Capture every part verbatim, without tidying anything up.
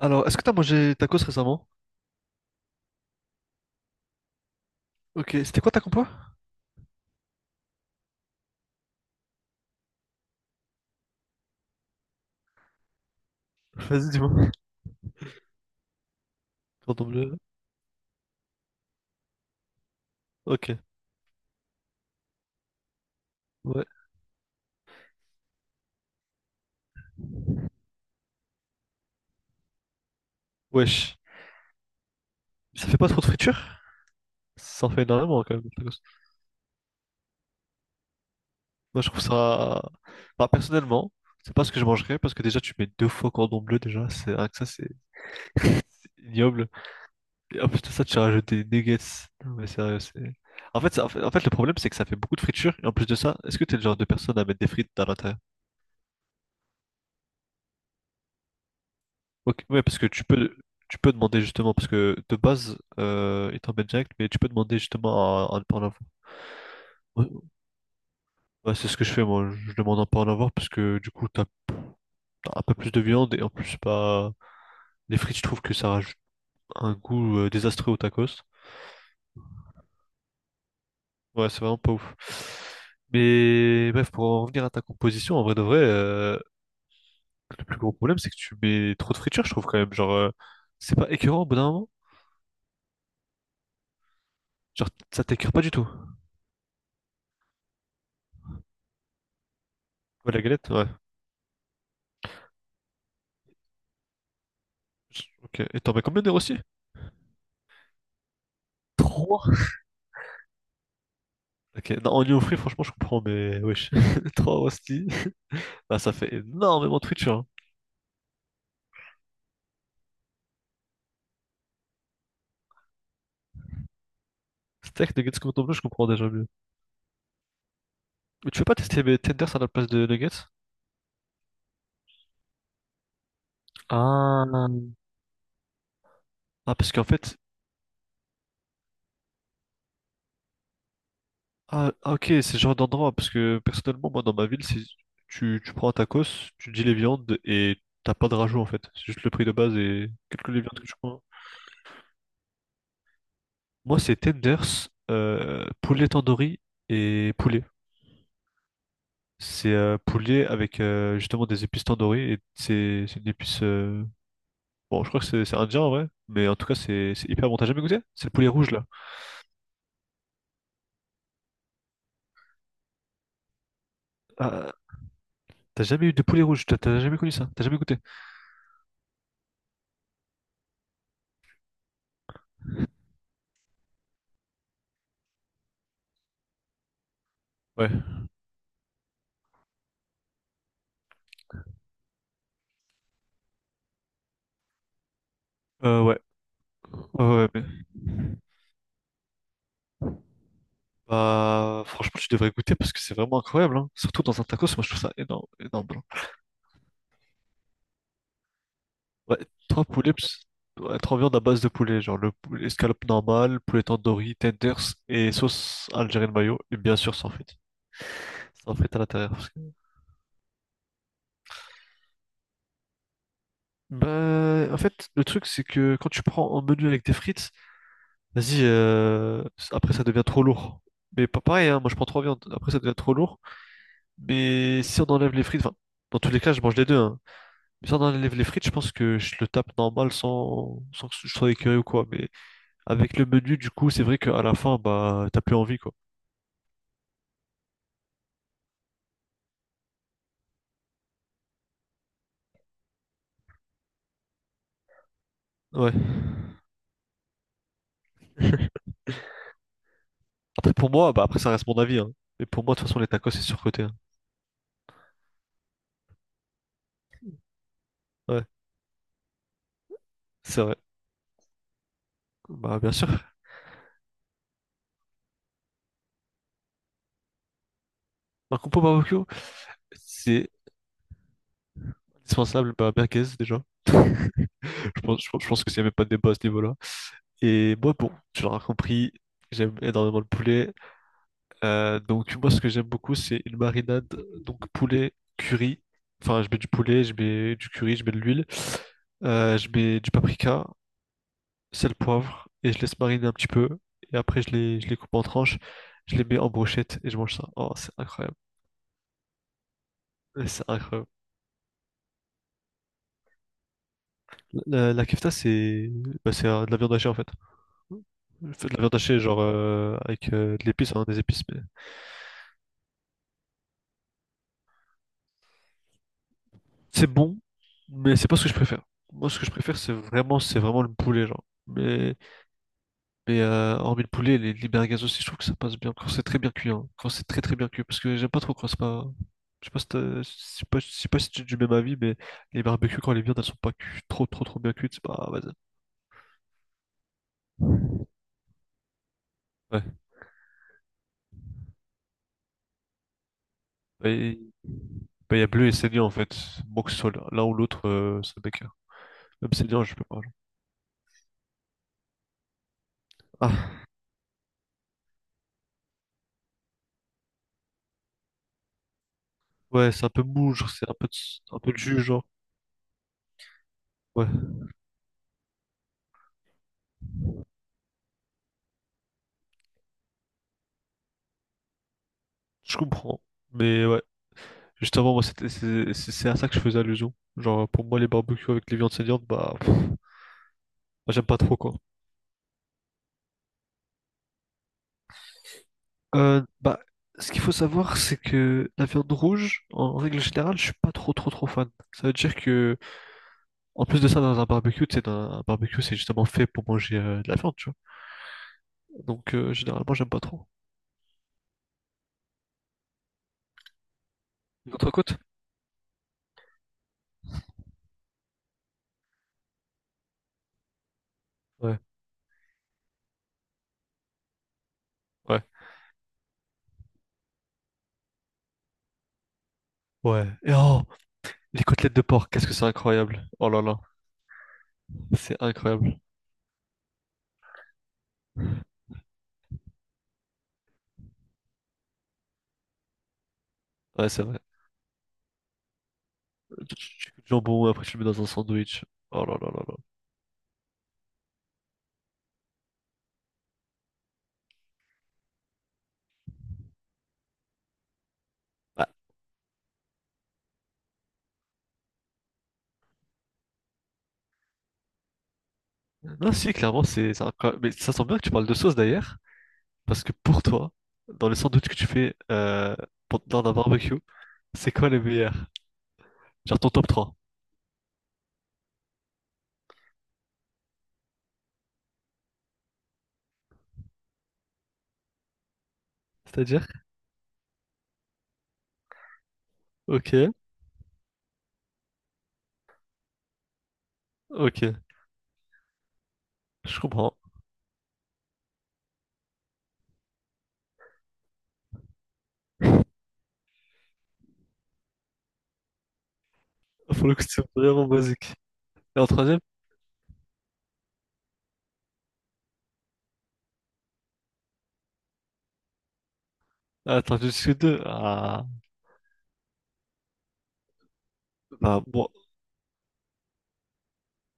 Alors, est-ce que t'as mangé tacos récemment? Ok, c'était quoi ta compo? Vas-y, dis-moi. Cordon bleu. Ok, ouais. Wesh. Ça fait pas trop de friture? Ça en fait énormément quand même, les tacos. Moi, je trouve ça. Bah, personnellement, c'est pas ce que je mangerais parce que déjà, tu mets deux fois cordon bleu déjà. C'est rien que ça, c'est ignoble. Et en plus de ça, tu as rajouté nuggets. Non, mais sérieux, c'est. En fait, ça- en fait, en fait, le problème, c'est que ça fait beaucoup de friture. Et en plus de ça, est-ce que t'es le genre de personne à mettre des frites à l'intérieur? Ok, ouais, parce que tu peux, tu peux demander justement, parce que de base, euh, il t'emmène direct, mais tu peux demander justement à, à ne pas en avoir. Ouais, ouais, c'est ce que je fais, moi. Je demande à ne pas en avoir, parce que du coup, t'as, t'as un peu plus de viande, et en plus, c'est pas les frites, je trouve que ça rajoute un goût euh, désastreux au tacos. Ouais, c'est vraiment pas ouf. Mais bref, pour en revenir à ta composition, en vrai de vrai, euh, le plus gros problème, c'est que tu mets trop de fritures, je trouve quand même. Genre, euh, c'est pas écœurant au bout d'un moment. Genre, ça t'écœure pas du tout. Ouais, la galette, ouais. Ok. Et t'en mets combien des rôstis? trois. Ok. Non, en oignon frit, franchement, je comprends, mais wesh. Trois rosti. Bah, ça fait énormément de friture. Hein. Steak, nuggets, coton bleu, je comprends déjà mieux. Mais tu veux pas tester mes tenders à la place de nuggets? Ah, ah, parce qu'en fait, ah, ah, ok, c'est ce genre d'endroit. Parce que personnellement, moi, dans ma ville, c'est tu, tu prends un tacos, tu dis les viandes et t'as pas de rajout en fait. C'est juste le prix de base et quelques les viandes que tu prends. Moi, c'est tenders, euh, poulet tandoori et poulet. C'est euh, poulier avec euh, justement des épices tandoori et c'est c'est une épice. Euh, Bon, je crois que c'est c'est indien en vrai, mais en tout cas c'est c'est hyper bon. T'as jamais goûté? C'est le poulet rouge là. Ah, t'as jamais eu de poulet rouge? T'as t'as jamais connu ça? T'as jamais goûté? Ouais. Euh, ouais. Ouais, ouais, mais bah, franchement, tu devrais goûter parce que c'est vraiment incroyable, hein. Surtout dans un tacos, moi je trouve ça énorme, énorme, hein. Ouais, trois poulets, ps- ouais, trois viandes à base de poulet, genre le poulet escalope normale, poulet tandoori, tenders et sauce algérienne mayo, et bien sûr sans frites. Sans frites à l'intérieur. Bah, en fait, le truc, c'est que quand tu prends un menu avec des frites, vas-y, euh, après ça devient trop lourd. Mais pas pareil, hein, moi je prends trois viandes, après ça devient trop lourd. Mais si on enlève les frites, enfin, dans tous les cas, je mange les deux, hein. Mais si on enlève les frites, je pense que je le tape normal sans, sans que je sois écœuré ou quoi. Mais avec le menu, du coup, c'est vrai qu'à la fin, bah, t'as plus envie, quoi. Ouais. Après, pour moi, bah, après, ça reste mon avis, hein. Mais pour moi, de toute façon, les tacos, c'est surcoté, hein. Ouais, c'est vrai. Bah, bien sûr. Ma compo barbecue, c'est indispensable, bah, merguez déjà. Je pense, je pense- je pense que s'il n'y avait pas de débat à ce niveau-là. Et moi, bon, tu l'auras compris, j'aime énormément le poulet. Euh, donc, moi, ce que j'aime beaucoup, c'est une marinade. Donc, poulet, curry. Enfin, je mets du poulet, je mets du curry, je mets de l'huile. Euh, je mets du paprika, sel, poivre, et je laisse mariner un petit peu. Et après, je les, je les coupe en tranches, je les mets en brochette et je mange ça. Oh, c'est incroyable. Ouais, c'est incroyable. La, la kefta, c'est bah, c'est euh, de la viande hachée en fait. Faites de la viande hachée, genre euh, avec euh, de l'épice, hein, des épices, mais c'est bon, mais c'est pas ce que je préfère. Moi, ce que je préfère, c'est vraiment, c'est vraiment le poulet, genre. Mais, mais euh, hormis le poulet, les, les merguez aussi, je trouve que ça passe bien quand c'est très bien cuit, hein, quand c'est très très bien cuit, parce que j'aime pas trop quand c'est pas. Je sais pas si t'as- je sais pas, je sais pas si tu es du même avis, mais les barbecues, quand les viandes, elles sont pas cu- trop trop trop bien cuites, c'est pas, vas-y. Ouais, bah, il bah, il y a bleu et saignant en fait. Bon que ce soit l'un ou l'autre, euh, ça bécane. Même saignant, je peux pas, genre. Ah, ouais, c'est un peu mou, genre, c'est un peu, de- un peu de jus, genre. Ouais, je comprends. Mais ouais, justement, moi, c'était, c'est c'est- c'est à ça que je faisais allusion. Genre, pour moi, les barbecues avec les viandes saignantes, bah, pff, bah, j'aime pas trop, quoi. Euh, bah, ce qu'il faut savoir, c'est que la viande rouge, en règle générale, je suis pas trop, trop, trop fan. Ça veut dire que, en plus de ça, dans un barbecue, tu sais, dans un barbecue, c'est justement fait pour manger euh, de la viande, tu vois. Donc, euh, généralement, j'aime pas trop. Une autre côte? Ouais. Ouais. Ouais. Et oh, les côtelettes de porc, qu'est-ce que c'est incroyable. Oh là là. C'est incroyable. Ouais, c'est vrai. Tu tu- tu coupes du jambon, après tu le mets dans un sandwich. Oh là là là là. Ah, non, si, clairement, c'est c'est incroyable. Mais ça sent bien que tu parles de sauce d'ailleurs, parce que pour toi, dans les sandwichs que tu fais euh, pour- lors d'un barbecue, c'est quoi les meilleurs? Genre ton top trois. C'est-à-dire? Ok, ok, je comprends. Pour le coup, c'est vraiment basique. Et en troisième? Ah, attends, je suis deux. Ah, bah, moi,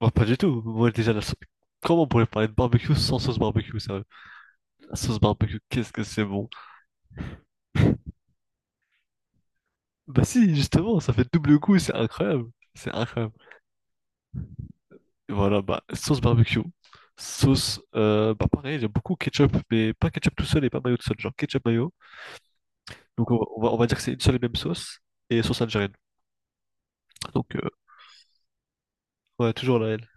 moi, pas du tout. Moi, déjà, la sauce. Comment on pourrait parler de barbecue sans sauce barbecue, sérieux? La sauce barbecue, qu'est-ce que c'est bon. Bah si, justement, ça fait double coup, c'est incroyable. C'est incroyable. Et voilà, bah, sauce barbecue. Sauce, euh, bah pareil, j'aime beaucoup ketchup, mais pas ketchup tout seul et pas mayo tout seul, genre ketchup mayo. Donc on va, on va, on va dire que c'est une seule et même sauce, et sauce algérienne. Donc euh, ouais, toujours la L.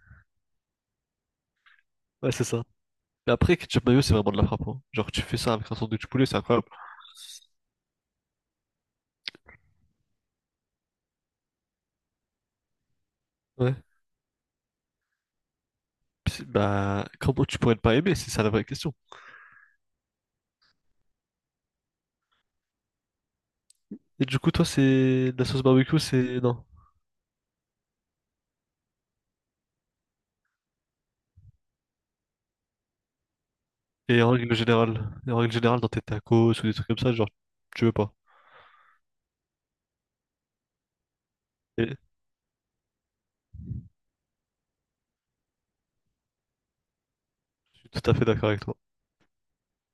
Ouais, c'est ça. Mais après, ketchup mayo, c'est vraiment de la frappe, hein. Genre tu fais ça avec un sandwich poulet, c'est incroyable. Ouais. Puis, bah comment tu pourrais ne pas aimer, c'est ça la vraie question. Et du coup, toi, c'est la sauce barbecue, c'est... Non. Et en règle générale, et en règle générale, dans tes tacos ou des trucs comme ça, genre, tu veux pas. Et suis tout à fait d'accord avec toi.